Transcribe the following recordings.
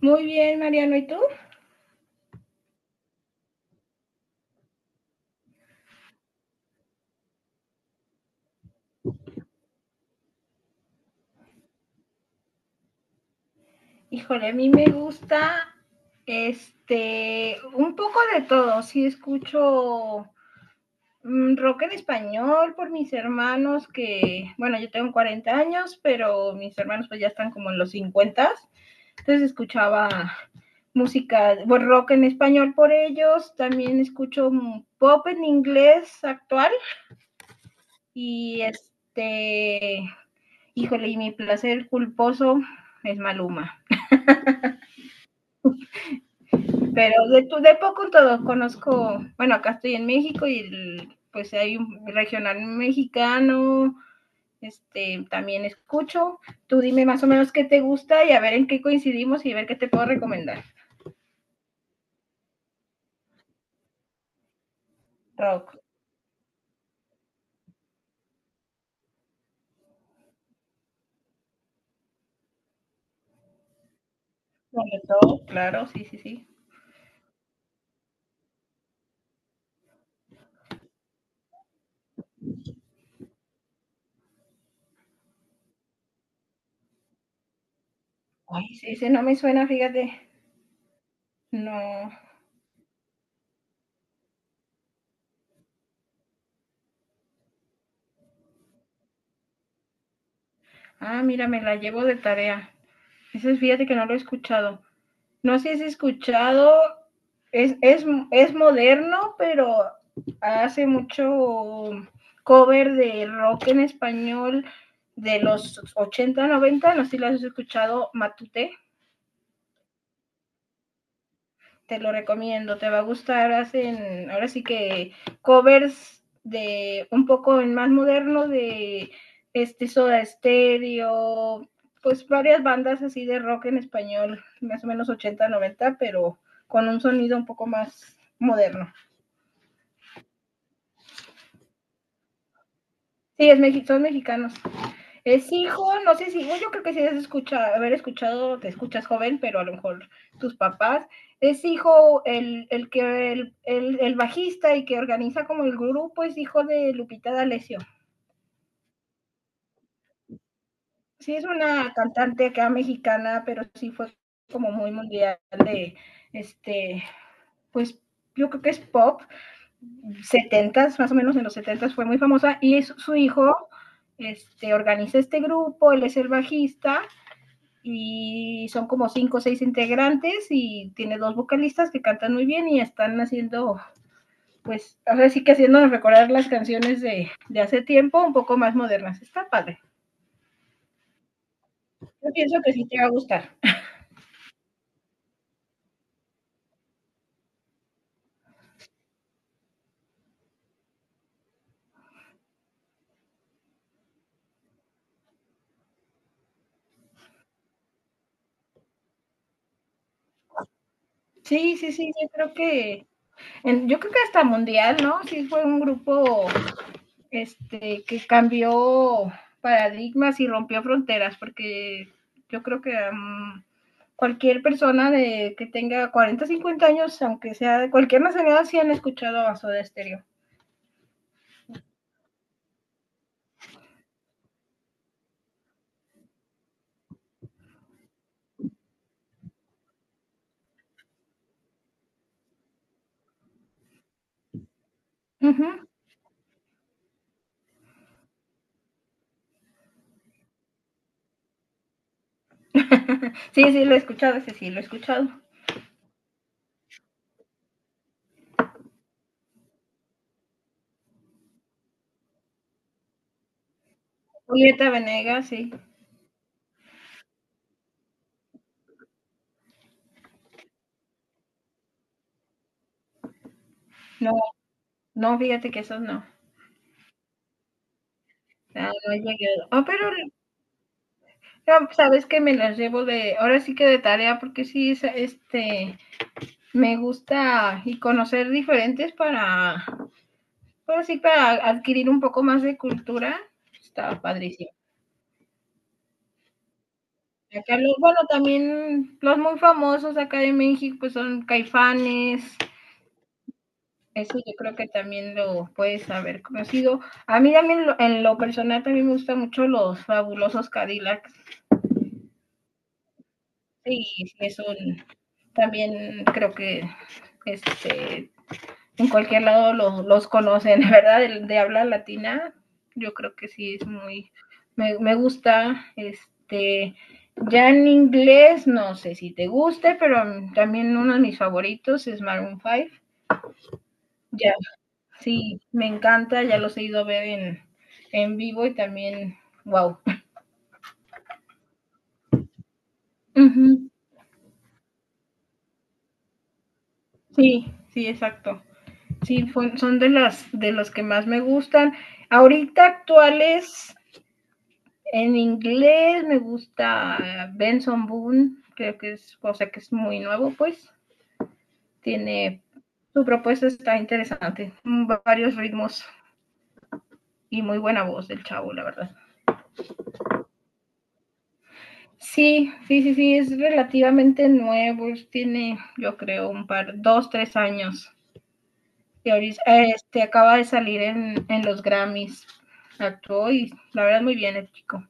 Muy bien, Mariano, ¿y tú? Híjole, a mí me gusta un poco de todo. Sí escucho rock en español por mis hermanos que, bueno, yo tengo 40 años, pero mis hermanos pues ya están como en los 50. Entonces escuchaba música, bueno, rock en español por ellos. También escucho pop en inglés actual y híjole, y mi placer culposo es Maluma. Pero de poco todo conozco, bueno, acá estoy en México y pues hay un regional mexicano, también escucho. Tú dime más o menos qué te gusta y a ver en qué coincidimos y a ver qué te puedo recomendar. Rock, sobre todo, claro, sí, sí, sí. Ay, sí, ese no me suena, fíjate. No. Ah, mira, me la llevo de tarea. Ese fíjate que no lo he escuchado. No sé si has escuchado, es, es moderno, pero hace mucho cover de rock en español de los 80 90, no sé si lo has escuchado, Matute. Te lo recomiendo, te va a gustar. Hacen, ahora sí que covers de un poco en más moderno de Soda Stereo, pues varias bandas así de rock en español, más o menos 80 90, pero con un sonido un poco más moderno. Sí, es, son mexicanos. Es hijo, no sé si, no, yo creo que sí has escuchado, haber escuchado, te escuchas joven, pero a lo mejor tus papás. Es hijo, el que el bajista y que organiza como el grupo es hijo de Lupita D'Alessio. Sí, es una cantante acá mexicana, pero sí fue como muy mundial de este, pues yo creo que es pop, 70, más o menos en los 70 fue muy famosa, y es su hijo, organiza este grupo, él es el bajista, y son como cinco o seis integrantes y tiene dos vocalistas que cantan muy bien y están haciendo, pues, ahora sí que haciéndonos recordar las canciones de hace tiempo, un poco más modernas. Está padre. Yo pienso que sí te va a gustar. Sí, sí, sí, yo creo que, en- yo creo que hasta mundial, ¿no? Sí fue un grupo que cambió paradigmas y rompió fronteras, porque yo creo que cualquier persona de, que tenga 40 50 años, aunque sea de cualquier nacionalidad, sí han escuchado a Soda Stereo. Uh -huh. Sí, sí, lo he escuchado, ese sí, lo he escuchado. Julieta Venegas, sí. No, no, fíjate que esos no. Ah, no he llegado. Ah, pero no, sabes que me las llevo de, ahora sí que de tarea, porque sí, me gusta y conocer diferentes para. Pero sí, para adquirir un poco más de cultura, estaba padrísimo. Acá los, bueno, también los muy famosos acá de México, pues son Caifanes, eso yo creo que también lo puedes haber conocido. A mí también en lo personal también me gustan mucho los fabulosos Cadillacs y sí, es un también creo que este en cualquier lado los conocen, ¿verdad? De, habla latina, yo creo que sí es muy, me gusta, ya en inglés, no sé si te guste, pero también uno de mis favoritos es Maroon 5, ya, sí, me encanta, ya los he ido a ver en vivo y también, wow. Uh -huh. Sí, sí, exacto. Sí, fue, son de las de los que más me gustan. Ahorita actuales, en inglés me gusta Benson Boone, creo que es cosa que es muy nuevo, pues tiene su propuesta está interesante, varios ritmos y muy buena voz del chavo, la verdad. Sí, sí, sí, sí, es relativamente nuevo, tiene yo creo un par, 2, 3 años. Y ahorita, acaba de salir en los Grammys, actuó y la verdad muy bien el chico.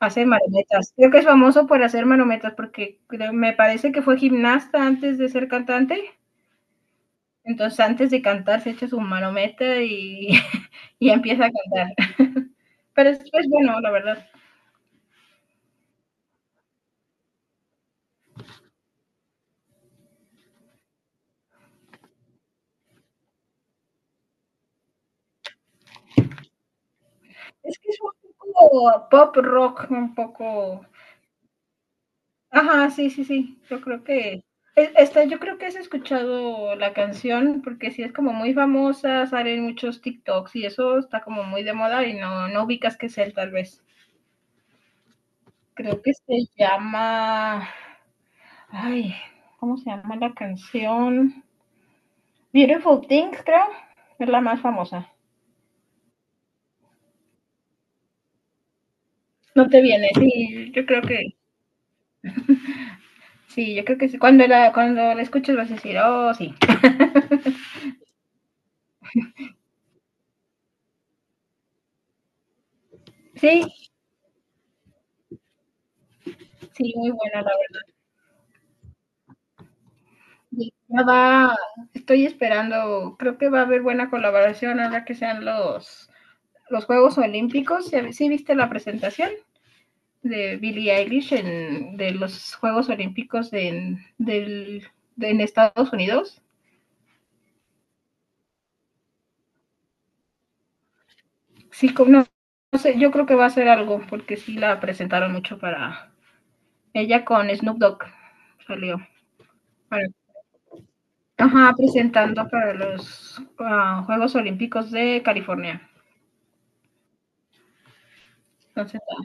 Hace marometas. Creo que es famoso por hacer marometas porque creo- me parece que fue gimnasta antes de ser cantante. Entonces, antes de cantar, se echa su marometa y, y empieza a cantar. Pero es bueno, la verdad. Es que es un poco pop rock, un poco. Ajá, sí, sí, sí. Yo creo que. Es- esta, yo creo que has escuchado la canción porque sí es como muy famosa, salen muchos TikToks y eso está como muy de moda y no, no ubicas qué es él, tal vez. Creo que se llama, ay, ¿cómo se llama la canción? Beautiful Things, creo, es la más famosa. No te viene, sí, yo creo que, sí, yo creo que sí. Cuando la escuches vas a decir, oh, sí. Sí, sí, muy buena, la verdad. Sí, ya va, estoy esperando, creo que va a haber buena colaboración ahora que sean los, Juegos Olímpicos. ¿Sí viste la presentación de Billie Eilish en, de los Juegos Olímpicos de, en, del, de, en Estados Unidos? Sí, no, no sé, yo creo que va a ser algo, porque sí la presentaron mucho para ella con Snoop Dogg salió. Para, ajá, presentando para los Juegos Olímpicos de California. Entonces, ah,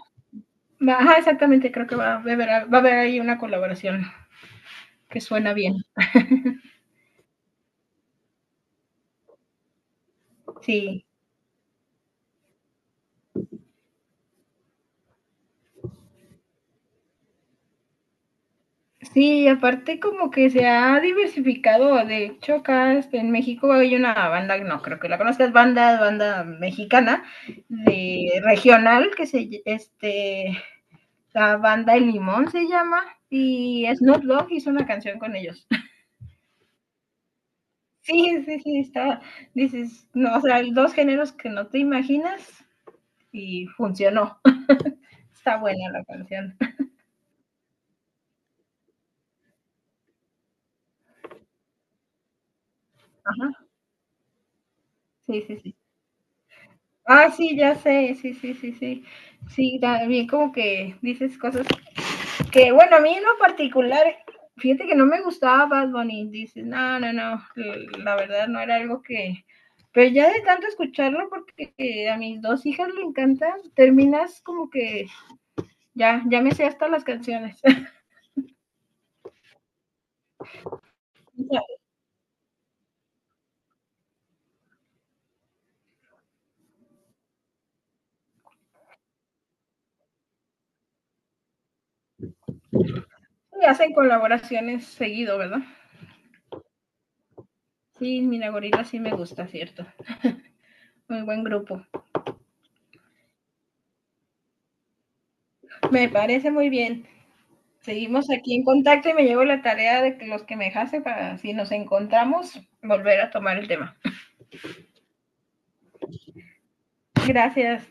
va, ajá, exactamente, creo que va a, haber ahí una colaboración que suena bien. Sí. Sí, aparte como que se ha diversificado. De hecho, acá en México hay una banda, no creo que la conozcas, banda mexicana, de regional, que la banda El Limón se llama, y Snoop Dogg hizo una canción con ellos. Sí, sí, sí, está, dices, no, o sea, hay dos géneros que no te imaginas y funcionó. Está buena la canción. Ajá, sí, sí, sí. Ah, sí, ya sé, sí, sí, sí, sí. Sí, también como que dices cosas que, bueno, a mí en lo particular, fíjate que no me gustaba Bad Bunny, dices, no, no, no, la verdad no era algo que, pero ya de tanto escucharlo, porque a mis dos hijas le encantan, terminas como que ya, ya me sé hasta las canciones. Ya- y hacen colaboraciones seguido, ¿verdad? Sí, Mina Gorila sí me gusta, cierto. Muy buen grupo. Me parece muy bien. Seguimos aquí en contacto y me llevo la tarea de que los que me dejaste para si nos encontramos volver a tomar el tema. Gracias.